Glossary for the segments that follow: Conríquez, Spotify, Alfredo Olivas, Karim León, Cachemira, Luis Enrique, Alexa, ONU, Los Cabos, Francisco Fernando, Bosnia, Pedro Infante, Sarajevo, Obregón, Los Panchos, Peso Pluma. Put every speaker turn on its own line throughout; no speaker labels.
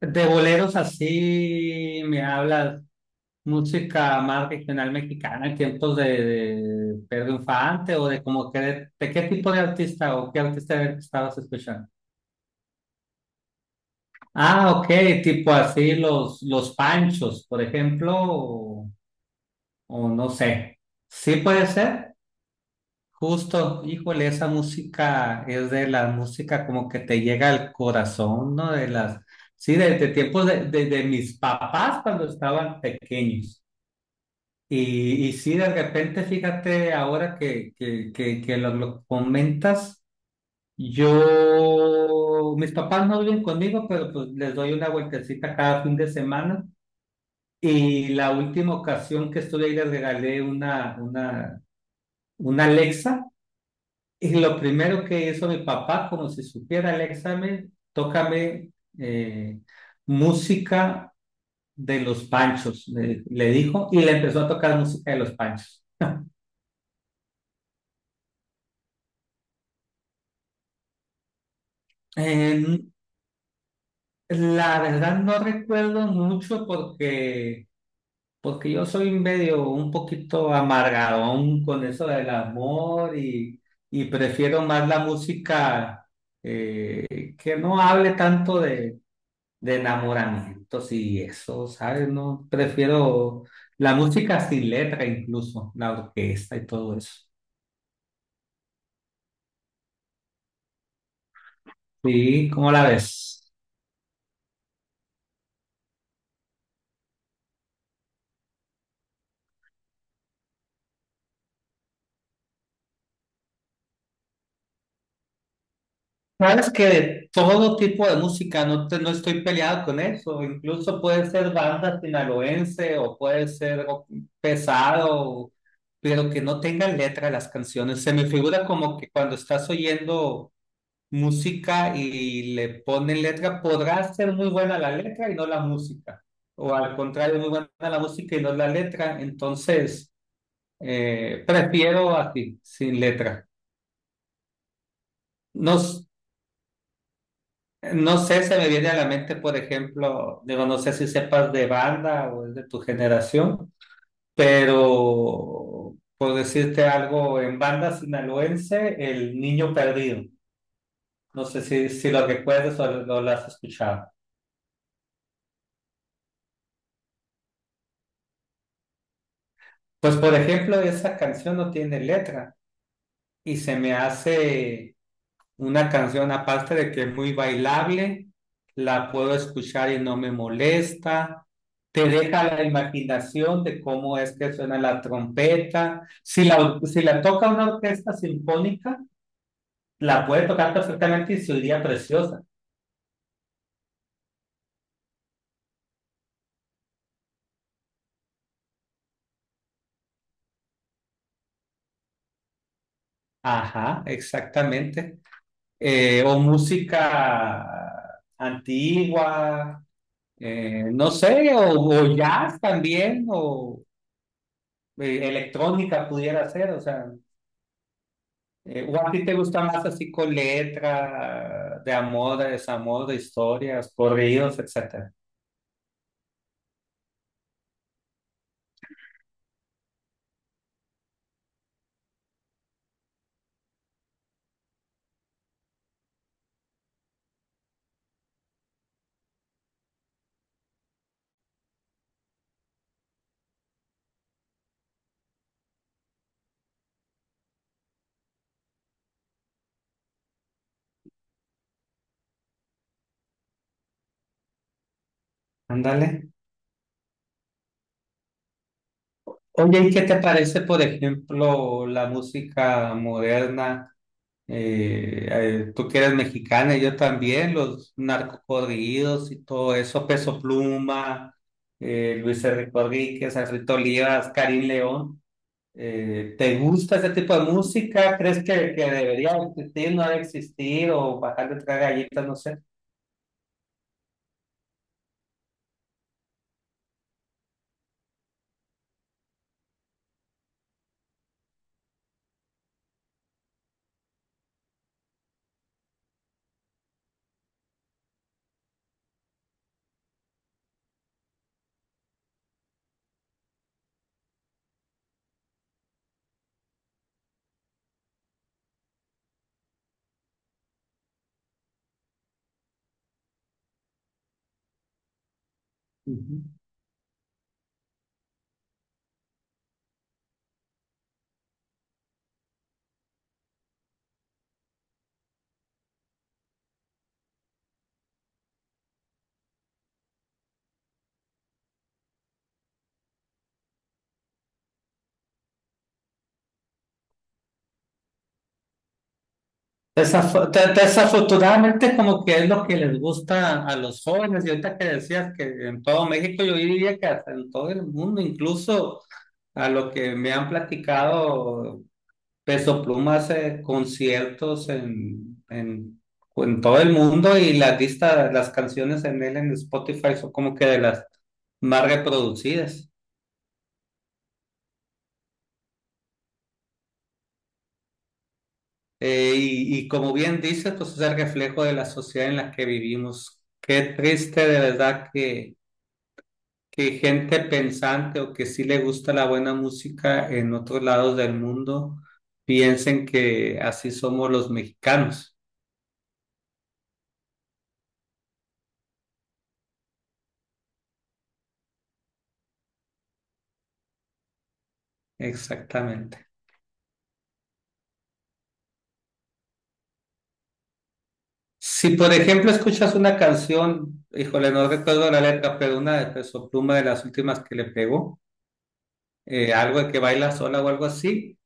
De boleros así me hablas, música más regional mexicana, en tiempos de Pedro Infante o de, como que de qué tipo de artista o qué artista era el que estabas escuchando. Ah, ok, tipo así los Panchos, por ejemplo, o no sé. Sí puede ser, justo, híjole, esa música es de la música como que te llega al corazón, ¿no? De las, sí, de tiempos de, de mis papás cuando estaban pequeños. Y sí, de repente, fíjate, ahora que lo comentas, yo, mis papás no viven conmigo, pero pues les doy una vueltecita cada fin de semana. Y la última ocasión que estuve ahí les regalé una Alexa. Y lo primero que hizo mi papá, como si supiera Alexa, me, tócame eh, música de los Panchos, le dijo, y le empezó a tocar música de los Panchos. Eh, La verdad no recuerdo mucho porque yo soy medio un poquito amargadón con eso del amor y prefiero más la música que no hable tanto de enamoramientos y eso, ¿sabes? No, prefiero la música sin letra incluso, la orquesta y todo eso. Sí, ¿cómo la ves? Sabes que de todo tipo de música no, no estoy peleado con eso, incluso puede ser banda sinaloense o puede ser algo pesado, pero que no tengan letra las canciones. Se me figura como que cuando estás oyendo música y le ponen letra, podrá ser muy buena la letra y no la música, o al contrario, muy buena la música y no la letra. Entonces, prefiero así, sin letra. No, no sé, se me viene a la mente, por ejemplo, digo, no sé si sepas de banda o es de tu generación, pero por decirte algo, en banda sinaloense, El Niño Perdido. No sé si lo recuerdas o lo has escuchado. Pues, por ejemplo, esa canción no tiene letra y se me hace una canción aparte de que es muy bailable, la puedo escuchar y no me molesta. Te deja la imaginación de cómo es que suena la trompeta. Si si la toca una orquesta sinfónica, la puede tocar perfectamente y se oiría preciosa. Ajá, exactamente. O música antigua, no sé, o jazz también, o electrónica pudiera ser, o sea. ¿O a ti te gusta más así con letra, de amor, de desamor, de historias, corridos, etcétera? Ándale. Oye, ¿y qué te parece, por ejemplo, la música moderna? Tú que eres mexicana, y yo también, los narcocorridos y todo eso, Peso Pluma, Luis Enrique, Conríquez, Alfredo Olivas, Karim León. ¿Te gusta ese tipo de música? ¿Crees que debería existir, no debe existir o bajar de tres galletas, no sé? Ujú. Desafortunadamente es como que es lo que les gusta a los jóvenes, y ahorita que decías que en todo México, yo diría que hasta en todo el mundo, incluso a lo que me han platicado, Peso Pluma hace conciertos en todo el mundo, y las listas, las canciones en él en Spotify son como que de las más reproducidas. Y como bien dices, pues es el reflejo de la sociedad en la que vivimos. Qué triste de verdad que gente pensante o que sí le gusta la buena música en otros lados del mundo piensen que así somos los mexicanos. Exactamente. Si por ejemplo escuchas una canción, híjole, no recuerdo la letra, pero una de Peso Pluma de las últimas que le pegó, algo de que baila sola o algo así.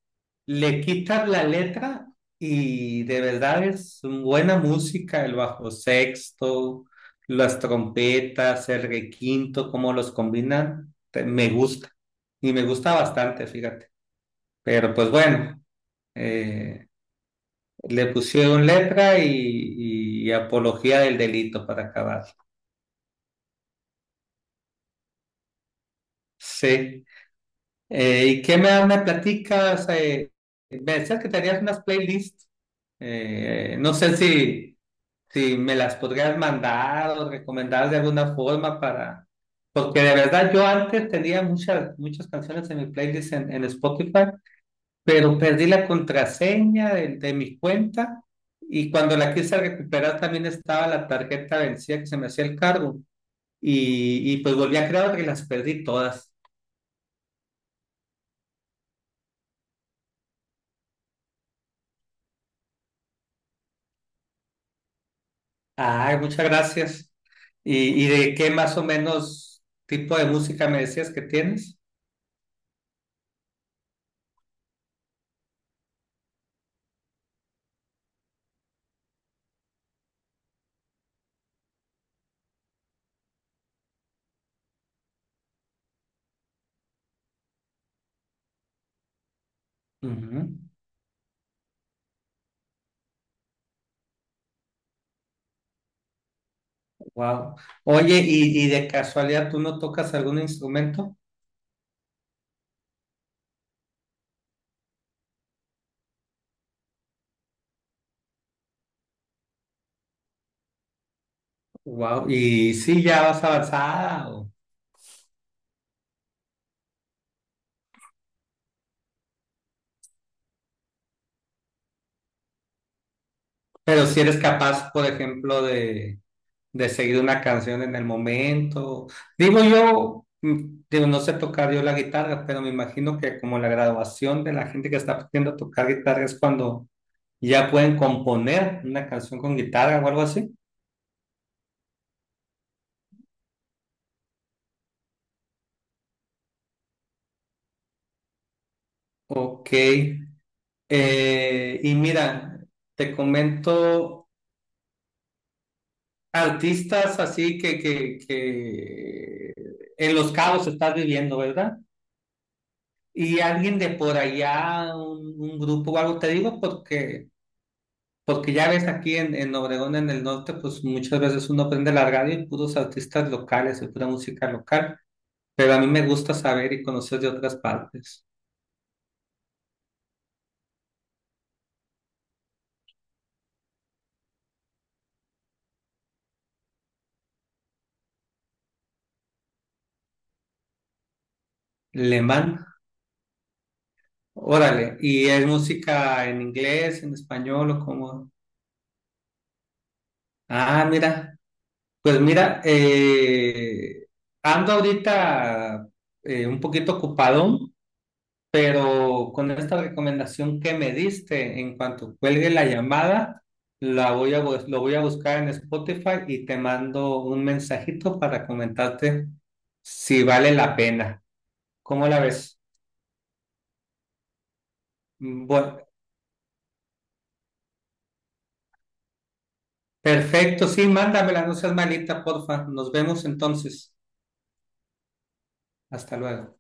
Le quitas la letra y de verdad es buena música, el bajo sexto, las trompetas, el requinto, cómo los combinan, me gusta. Y me gusta bastante, fíjate. Pero pues bueno, eh, le pusieron letra y apología del delito para acabar. Sí. ¿Y qué me platicas? Me decías que tenías unas playlists. No sé si... si me las podrías mandar o recomendar de alguna forma para... Porque de verdad yo antes tenía muchas, muchas canciones en mi playlist en Spotify, pero perdí la contraseña de mi cuenta, y cuando la quise recuperar también estaba la tarjeta vencida que se me hacía el cargo, y pues volví a crear otra y las perdí todas. Ay, muchas gracias. ¿ y de qué más o menos tipo de música me decías que tienes? Wow. Oye, ¿ y de casualidad tú no tocas algún instrumento? Wow. ¿Y sí ya vas avanzada? Pero si eres capaz, por ejemplo, de seguir una canción en el momento. Digo yo, mm, digo, no sé tocar yo la guitarra, pero me imagino que como la graduación de la gente que está aprendiendo a tocar guitarra es cuando ya pueden componer una canción con guitarra o algo así. Ok. Y mira, te comento artistas así que en Los Cabos estás viviendo, ¿verdad? Y alguien de por allá, un grupo o algo, te digo porque, porque ya ves aquí en Obregón, en el norte, pues muchas veces uno prende la radio y puros artistas locales y pura música local, pero a mí me gusta saber y conocer de otras partes. Le man, órale, ¿y es música en inglés, en español o cómo? Ah, mira, pues mira, ando ahorita un poquito ocupado. Pero con esta recomendación que me diste, en cuanto cuelgue la llamada, la voy a, lo voy a buscar en Spotify y te mando un mensajito para comentarte si vale la pena. ¿Cómo la ves? Bueno, perfecto, sí, mándamela, no seas malita, porfa. Nos vemos entonces. Hasta luego.